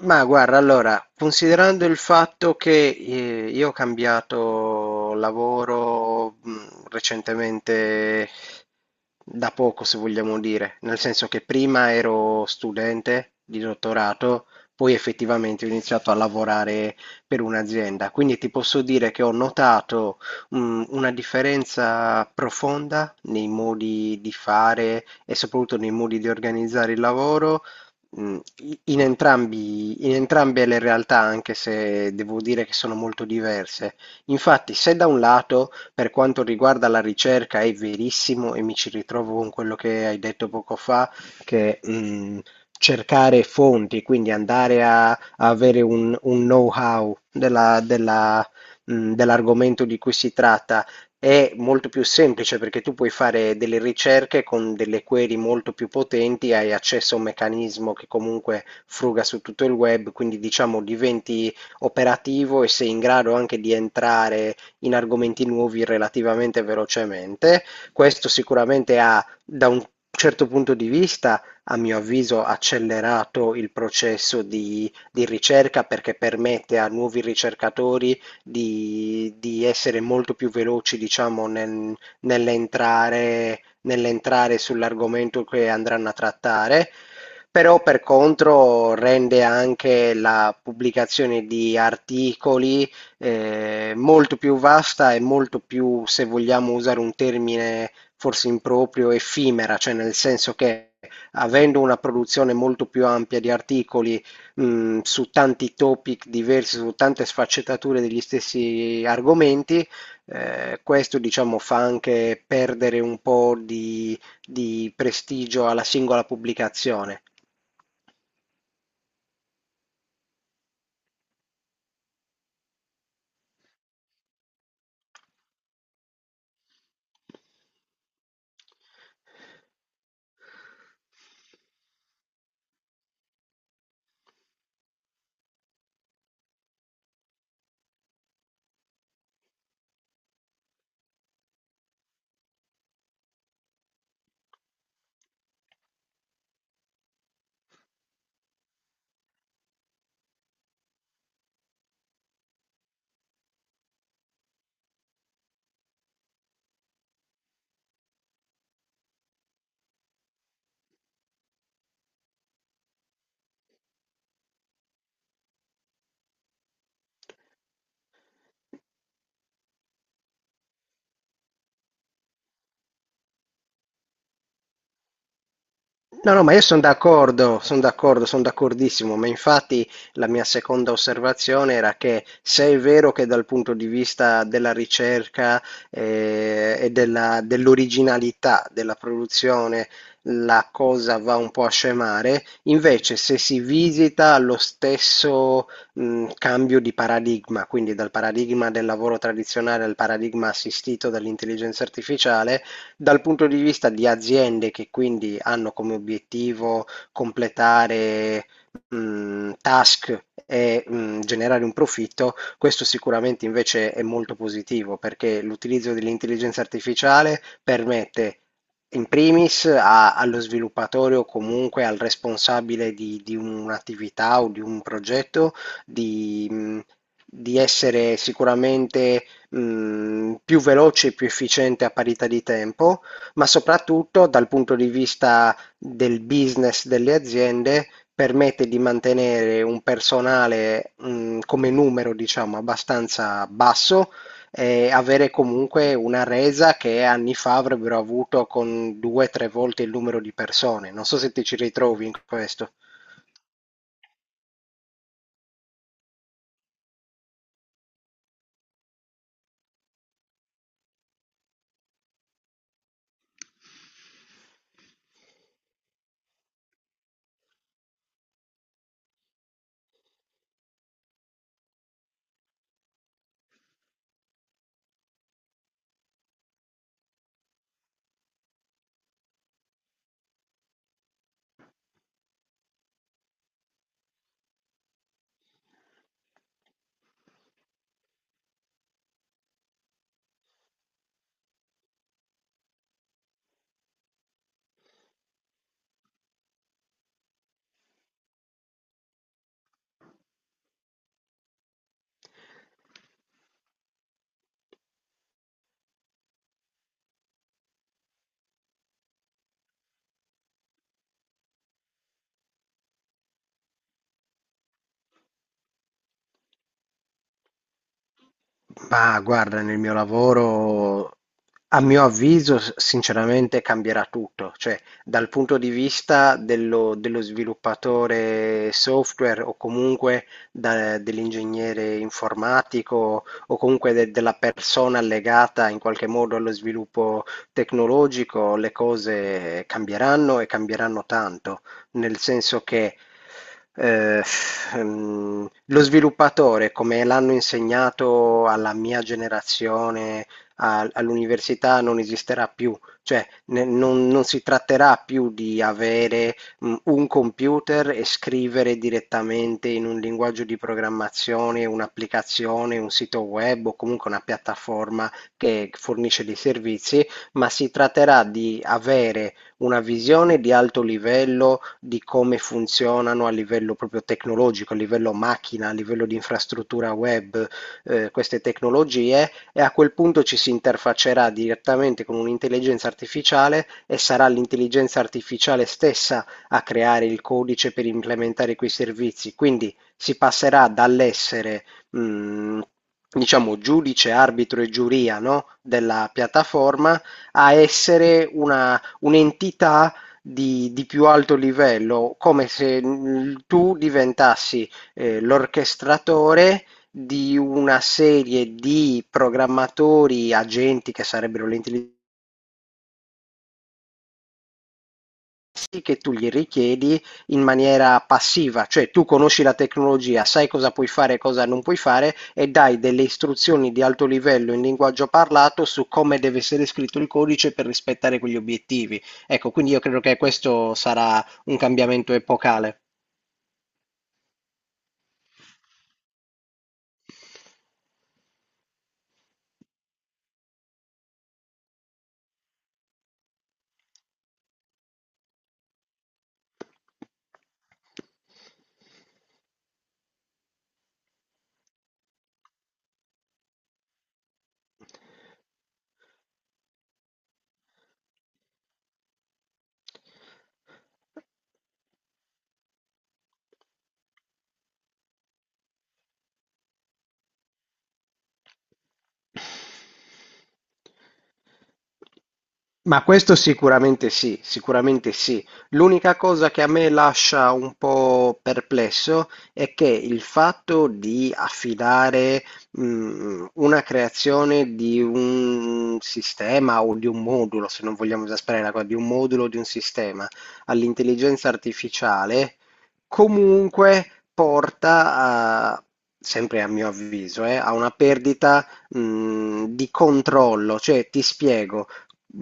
Ma guarda, allora, considerando il fatto che io ho cambiato lavoro recentemente da poco, se vogliamo dire, nel senso che prima ero studente di dottorato, poi effettivamente ho iniziato a lavorare per un'azienda, quindi ti posso dire che ho notato una differenza profonda nei modi di fare e soprattutto nei modi di organizzare il lavoro. Mm. In entrambe le realtà, anche se devo dire che sono molto diverse. Infatti, se da un lato, per quanto riguarda la ricerca, è verissimo e mi ci ritrovo con quello che hai detto poco fa, che cercare fonti, quindi andare a avere un know-how della dell'argomento di cui si tratta è molto più semplice perché tu puoi fare delle ricerche con delle query molto più potenti, hai accesso a un meccanismo che comunque fruga su tutto il web, quindi diciamo diventi operativo e sei in grado anche di entrare in argomenti nuovi relativamente velocemente. Questo sicuramente ha, da un certo punto di vista, a mio avviso, accelerato il processo di ricerca perché permette a nuovi ricercatori di essere molto più veloci, diciamo, nell'entrare, nell'entrare sull'argomento che andranno a trattare, però per contro rende anche la pubblicazione di articoli molto più vasta e molto più, se vogliamo usare un termine forse improprio, effimera, cioè nel senso che avendo una produzione molto più ampia di articoli su tanti topic diversi, su tante sfaccettature degli stessi argomenti. Questo, diciamo, fa anche perdere un po' di prestigio alla singola pubblicazione. No, no, ma io sono d'accordo, sono d'accordo, sono d'accordissimo, ma infatti la mia seconda osservazione era che, se è vero che dal punto di vista della ricerca e dell'originalità della produzione la cosa va un po' a scemare, invece se si visita lo stesso cambio di paradigma, quindi dal paradigma del lavoro tradizionale al paradigma assistito dall'intelligenza artificiale, dal punto di vista di aziende che quindi hanno come obiettivo completare, task e generare un profitto, questo sicuramente invece è molto positivo perché l'utilizzo dell'intelligenza artificiale permette in primis allo sviluppatore o comunque al responsabile di un'attività o di un progetto di di essere sicuramente più veloce e più efficiente a parità di tempo, ma soprattutto dal punto di vista del business delle aziende permette di mantenere un personale come numero, diciamo, abbastanza basso e avere comunque una resa che anni fa avrebbero avuto con due o tre volte il numero di persone. Non so se ti ci ritrovi in questo. Ma guarda, nel mio lavoro, a mio avviso, sinceramente cambierà tutto, cioè dal punto di vista dello, dello sviluppatore software o comunque dell'ingegnere informatico o comunque della persona legata in qualche modo allo sviluppo tecnologico, le cose cambieranno e cambieranno tanto, nel senso che eh, lo sviluppatore, come l'hanno insegnato alla mia generazione, all'università, non esisterà più. Cioè, non si tratterà più di avere un computer e scrivere direttamente in un linguaggio di programmazione un'applicazione, un sito web o comunque una piattaforma che fornisce dei servizi, ma si tratterà di avere una visione di alto livello di come funzionano a livello proprio tecnologico, a livello macchina, a livello di infrastruttura web, queste tecnologie, e a quel punto ci si interfaccerà direttamente con un'intelligenza artificiale e sarà l'intelligenza artificiale stessa a creare il codice per implementare quei servizi. Quindi si passerà dall'essere, diciamo, giudice, arbitro e giuria, no? della piattaforma a essere una un'entità di più alto livello, come se tu diventassi l'orchestratore di una serie di programmatori, agenti che sarebbero l'intelligenza, servizi che tu gli richiedi in maniera passiva, cioè tu conosci la tecnologia, sai cosa puoi fare e cosa non puoi fare e dai delle istruzioni di alto livello in linguaggio parlato su come deve essere scritto il codice per rispettare quegli obiettivi. Ecco, quindi io credo che questo sarà un cambiamento epocale. Ma questo sicuramente sì, sicuramente sì. L'unica cosa che a me lascia un po' perplesso è che il fatto di affidare una creazione di un sistema o di un modulo, se non vogliamo esasperare la cosa, di un modulo o di un sistema all'intelligenza artificiale. Comunque porta a, sempre a mio avviso, a una perdita, di controllo. Cioè, ti spiego.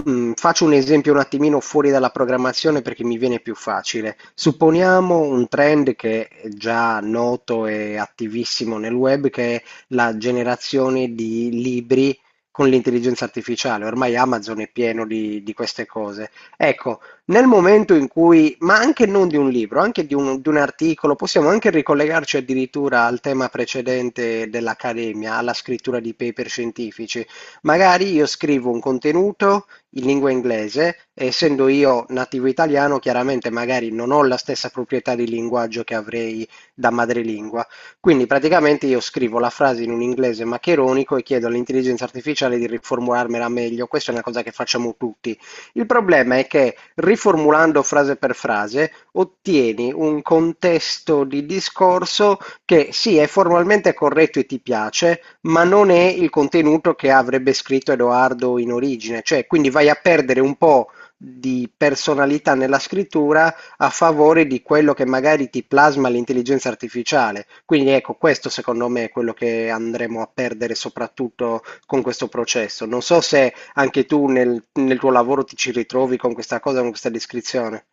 Mm, faccio un esempio un attimino fuori dalla programmazione perché mi viene più facile. Supponiamo un trend che è già noto e attivissimo nel web, che è la generazione di libri con l'intelligenza artificiale. Ormai Amazon è pieno di queste cose. Ecco, nel momento in cui, ma anche non di un libro, anche di un articolo, possiamo anche ricollegarci addirittura al tema precedente dell'accademia, alla scrittura di paper scientifici. Magari io scrivo un contenuto in lingua inglese, e essendo io nativo italiano, chiaramente magari non ho la stessa proprietà di linguaggio che avrei da madrelingua. Quindi praticamente io scrivo la frase in un inglese maccheronico e chiedo all'intelligenza artificiale di riformularmela meglio. Questa è una cosa che facciamo tutti. Il problema è che riformulando frase per frase ottieni un contesto di discorso che sì, è formalmente corretto e ti piace, ma non è il contenuto che avrebbe scritto Edoardo in origine, cioè quindi vai a perdere un po' di personalità nella scrittura a favore di quello che magari ti plasma l'intelligenza artificiale. Quindi ecco, questo secondo me è quello che andremo a perdere soprattutto con questo processo. Non so se anche tu nel, nel tuo lavoro ti ci ritrovi con questa cosa, con questa descrizione.